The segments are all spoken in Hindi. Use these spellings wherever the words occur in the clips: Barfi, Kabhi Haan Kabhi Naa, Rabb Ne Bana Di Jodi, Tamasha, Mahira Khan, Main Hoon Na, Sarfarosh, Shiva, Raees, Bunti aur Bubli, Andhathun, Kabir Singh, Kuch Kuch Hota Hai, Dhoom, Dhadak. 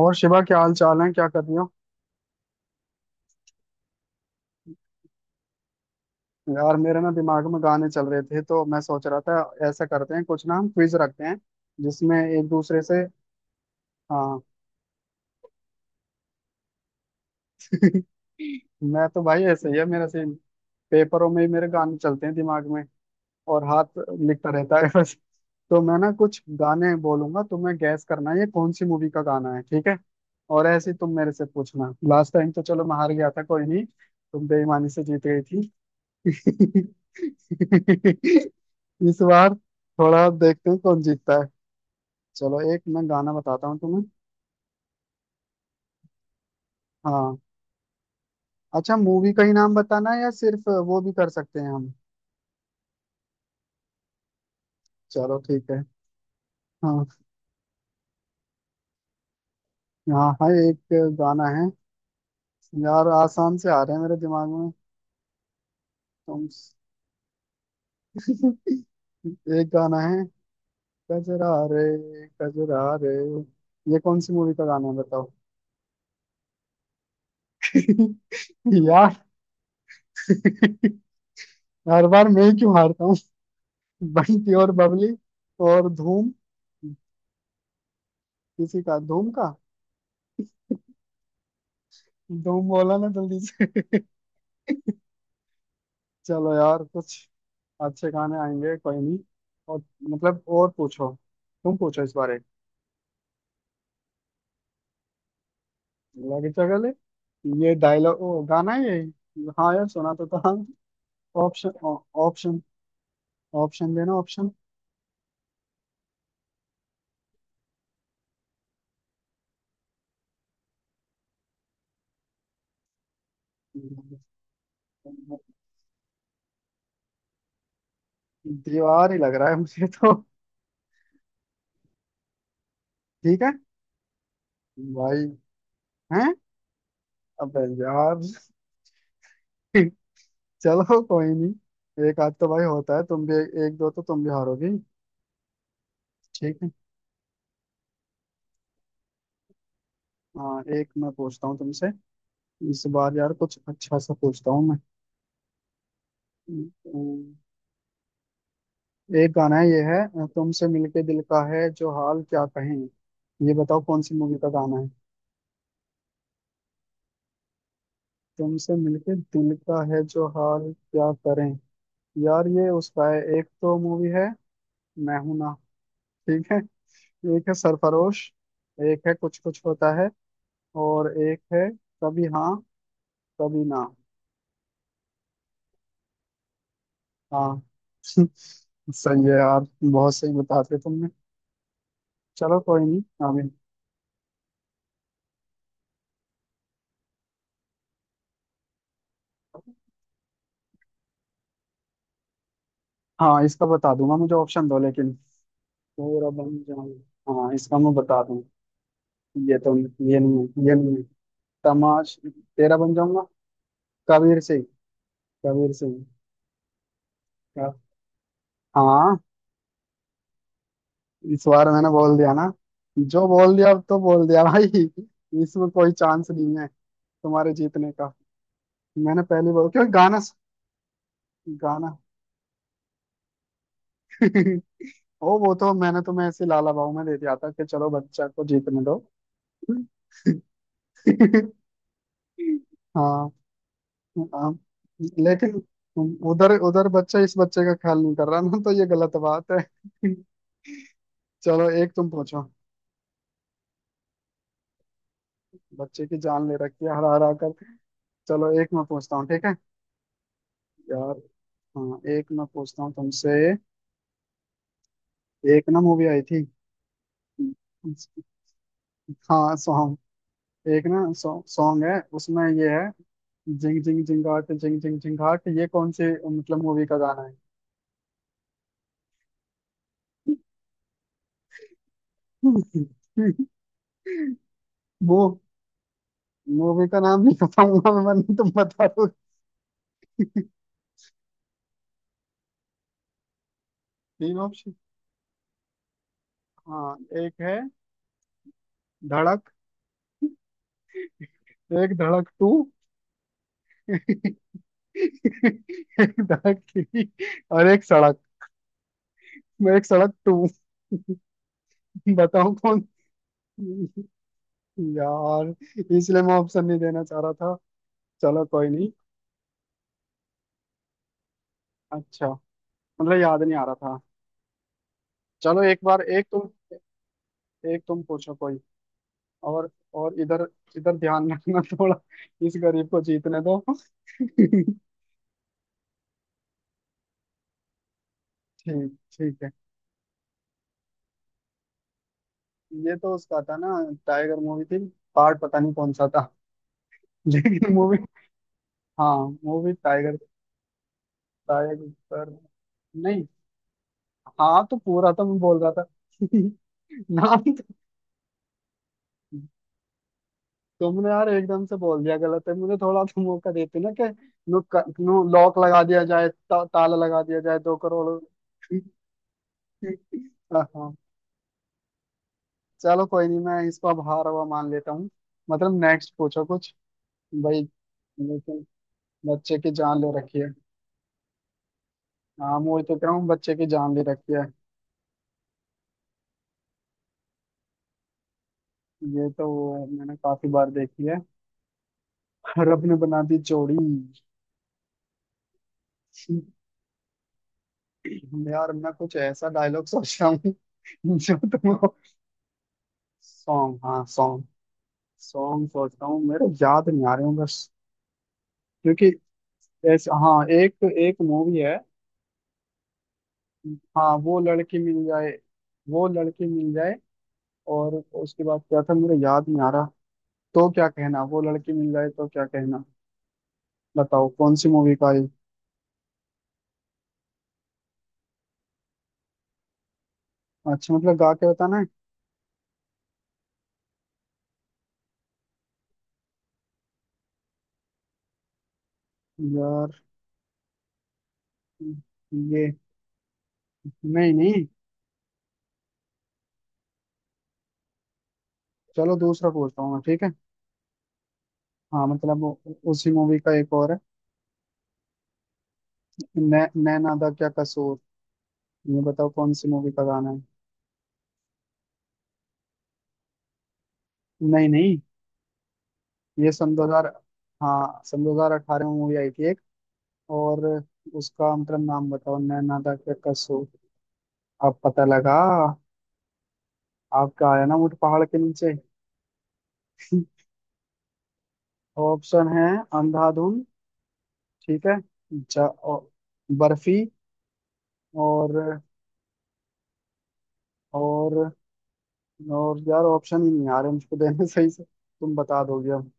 और शिवा, क्या हाल चाल है? क्या कर रही हो? यार मेरे ना दिमाग में गाने चल रहे थे तो मैं सोच रहा था, ऐसा करते हैं कुछ ना, हम क्विज रखते हैं जिसमें एक दूसरे से। हाँ। मैं तो भाई ऐसे ही है मेरा सीन। पेपरों में ही मेरे गाने चलते हैं दिमाग में, और हाथ लिखता रहता है बस। तो मैं ना कुछ गाने बोलूंगा, तुम्हें गैस करना है ये कौन सी मूवी का गाना है, ठीक है? और ऐसे ही तुम मेरे से पूछना। लास्ट टाइम तो चलो मैं हार गया था, कोई नहीं, तुम बेईमानी से जीत गई थी। इस बार थोड़ा देखते हैं कौन जीतता है। चलो एक मैं गाना बताता हूँ तुम्हें। हाँ अच्छा, मूवी का ही नाम बताना है या सिर्फ वो भी कर सकते हैं हम? चलो ठीक है। हाँ। हाँ हाँ एक गाना है। यार आसान से आ रहे हैं मेरे दिमाग में। तुम। एक गाना है, कजरा रे कजरा रे। ये कौन सी मूवी का गाना है बताओ? यार। हर बार मैं ही क्यों हारता हूँ? बंटी और बबली, और धूम। किसी का धूम का। धूम बोला ना जल्दी से। चलो यार, कुछ अच्छे गाने आएंगे, कोई नहीं। और मतलब और पूछो। तुम पूछो इस बारे। लगे चगले, ये डायलॉग ओ गाना है ये? हाँ यार सुना तो था। ऑप्शन, ऑप्शन, ऑप्शन देना, ऑप्शन। दीवार ही लग रहा है मुझे तो। ठीक है। भाई, हैं? अबे यार। चलो कोई नहीं, एक आध तो भाई होता है, तुम भी। एक दो तो तुम भी हारोगी, ठीक है। हाँ एक मैं पूछता हूँ तुमसे। इस बार यार कुछ अच्छा सा पूछता हूँ मैं। अम्म, एक गाना है ये है, तुमसे मिलके दिल का है जो हाल क्या कहें। ये बताओ कौन सी मूवी का गाना है? तुमसे मिलके दिल का है जो हाल क्या करें। यार ये उसका है, एक तो मूवी है मैं हूं ना, ठीक है। एक है सरफरोश, एक है कुछ कुछ होता है, और एक है कभी हाँ कभी ना। हाँ। सही है यार, बहुत सही बता दिया तुमने। चलो कोई नहीं। अभी। हाँ इसका बता दूंगा, मुझे ऑप्शन दो लेकिन। पूरा बन जाऊं। हाँ इसका मैं बता दूं। ये तो, ये नहीं है ये नहीं है। तमाश तेरा बन जाऊंगा। कबीर सिंह। कबीर सिंह। का। हाँ। इस बार मैंने बोल दिया ना। जो बोल दिया अब तो बोल दिया भाई, इसमें कोई चांस नहीं है तुम्हारे जीतने का। मैंने पहली बार क्यों गाना। गाना। ओ वो तो मैंने तुम्हें ऐसे लाला बाबू में दे दिया था कि चलो बच्चा को जीतने दो। हाँ। हाँ, लेकिन उधर उधर बच्चा इस बच्चे का ख्याल नहीं कर रहा ना, तो ये गलत बात है। चलो एक तुम पूछो। बच्चे की जान ले रखी है हरा हरा कर। चलो एक मैं पूछता हूँ, ठीक है। यार। हाँ एक मैं पूछता हूँ तुमसे। एक ना मूवी आई थी। हाँ सॉन्ग। एक ना सॉन्ग है उसमें, ये है, जिंग जिंग जिंगाट जिंग जिंग जिंगाट। ये कौन सी मतलब मूवी का गाना है? वो मूवी का नाम नहीं पता मुझे, वरना तुम बता। तीन ऑप्शन। हाँ, एक है धड़क, एक धड़क टू, एक धड़क थ्री, और एक सड़क, एक सड़क टू। बताओ कौन। यार इसलिए मैं ऑप्शन नहीं देना चाह रहा था, चलो कोई नहीं। अच्छा, मतलब याद नहीं आ रहा था। चलो एक बार एक तुम। एक तुम पूछो कोई। और और इधर, इधर ध्यान रखना थोड़ा, इस गरीब को जीतने दो। ठीक। ठीक है। ये तो उसका था ना, टाइगर मूवी थी। पार्ट पता नहीं कौन सा था लेकिन, मूवी। हाँ, वो भी टाइगर। टाइगर। पर, नहीं। हाँ तो पूरा तो मैं बोल रहा था। नाम तो। तुमने यार एकदम से बोल दिया गलत है, मुझे थोड़ा तो मौका देते ना कि। नु, नु, लॉक लगा दिया जाए, ताला लगा दिया जाए 2 करोड़। हाँ हाँ। चलो कोई नहीं, मैं इसको अब हार हुआ मान लेता हूँ। मतलब नेक्स्ट पूछो कुछ, भाई। लेकिन बच्चे की जान ले रखी है। हाँ मैं वही तो कह रहा हूँ बच्चे की जान ले रखी है। ये तो मैंने काफी बार देखी है। रब ने बना दी जोड़ी। यार मैं कुछ ऐसा डायलॉग सोच रहा हूँ जो तुम। सॉन्ग, हाँ सॉन्ग। सॉन्ग सोचता हूँ, मेरे याद नहीं आ रहे हूँ बस। क्योंकि ऐसा, हाँ एक एक मूवी है। हाँ वो लड़की मिल जाए, वो लड़की मिल जाए, और उसके बाद क्या था मेरे याद नहीं आ रहा। तो क्या कहना वो लड़की मिल जाए तो क्या कहना। बताओ कौन सी मूवी का है? अच्छा मतलब गा के बताना है? यार ये। नहीं नहीं, चलो दूसरा पूछता हूँ मैं, ठीक है। हाँ मतलब उसी मूवी का एक और है। नैना दा क्या कसूर। ये बताओ कौन सी मूवी का गाना है? नहीं नहीं, ये सन दो हजार। हाँ सन 2018 में मूवी आई थी एक, और उसका मतलब नाम बताओ। नैना दा क्या कसूर। अब पता लगा, आपका आया ना ऊँट पहाड़ के नीचे। ऑप्शन है अंधाधुन, ठीक है। ज, औ- बर्फी, और। और और यार ऑप्शन ही नहीं आ रहे मुझको देने सही से, तुम बता दोगे अब।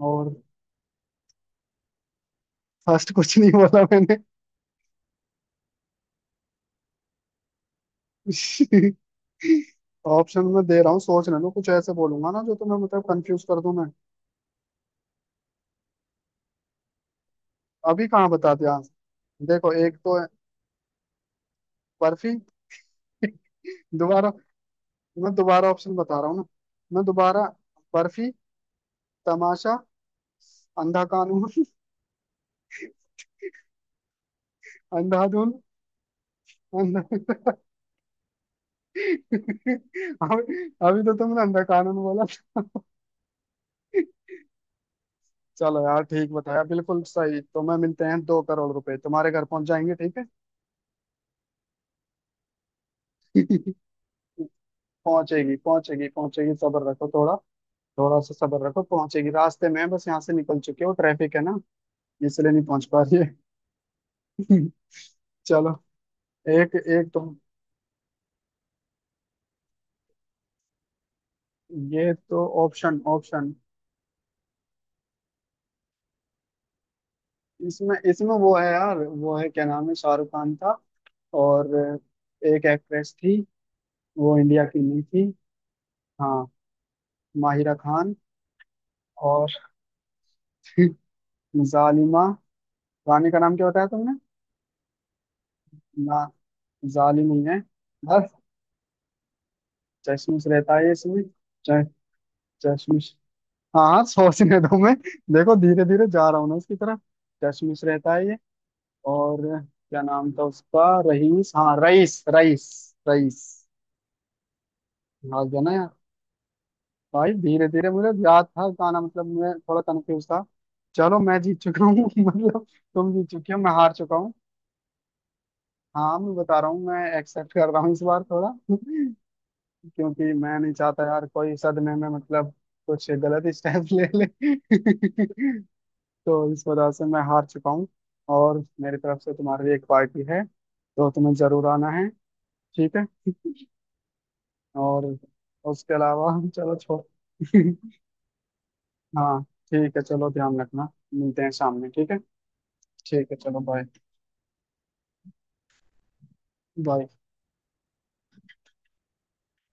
और फर्स्ट कुछ नहीं बोला मैंने। ऑप्शन में दे रहा हूँ, सोच लेना, कुछ ऐसे बोलूंगा ना जो तुम्हें मतलब कंफ्यूज कर दूं मैं। अभी कहाँ बता दिया आंसर, देखो, एक तो है बर्फी। दोबारा, मैं दोबारा ऑप्शन बता रहा हूँ ना। मैं दोबारा। बर्फी, तमाशा, अंधा कानून, अंधाधुन। अंधा। अभी। अभी तो तुमने अंधा कानून बोला। चलो यार ठीक बताया बिल्कुल सही, तो मैं मिलते हैं 2 करोड़ रुपए तुम्हारे घर पहुंच जाएंगे, ठीक है। पहुंचेगी पहुंचेगी पहुंचेगी, सब्र रखो थोड़ा। थोड़ा सा सब्र रखो, पहुंचेगी, रास्ते में है, बस यहाँ से निकल चुके हो, ट्रैफिक है ना, इसलिए नहीं पहुंच पा रही है। चलो एक, एक तुम। ये तो ऑप्शन, ऑप्शन। इसमें, इसमें वो है यार, वो है क्या नाम है, शाहरुख खान था, और एक एक्ट्रेस थी, वो इंडिया की नहीं थी। हाँ, माहिरा खान। और। जालिमा। रानी का नाम क्या बताया तुमने? ना, जालिम ही है। बस। चश्मिश रहता है इसमें। च- चश्मिश। हाँ हाँ, सोचने दो मैं। देखो धीरे धीरे जा रहा हूँ ना उसकी तरफ। कशमिश रहता है ये, और क्या नाम था उसका, रईस, हाँ रईस, रईस, रईस। हाँ गया ना यार। भाई धीरे धीरे मुझे याद था गाना, मतलब मैं थोड़ा कंफ्यूज था। चलो मैं जीत चुका हूँ। मतलब तुम जीत चुके हो, मैं हार चुका हूँ। हाँ मैं बता रहा हूँ, मैं एक्सेप्ट कर रहा हूँ इस बार थोड़ा। क्योंकि मैं नहीं चाहता यार कोई सदमे में मतलब कुछ गलत स्टेप ले ले। तो इस वजह से मैं हार चुका हूँ। और मेरी तरफ से तुम्हारे लिए एक पार्टी है, तो तुम्हें जरूर आना है, ठीक है। और उसके अलावा चलो छोड़। हाँ ठीक है, चलो ध्यान रखना, मिलते हैं शाम में, ठीक है। ठीक है चलो, बाय। बाय।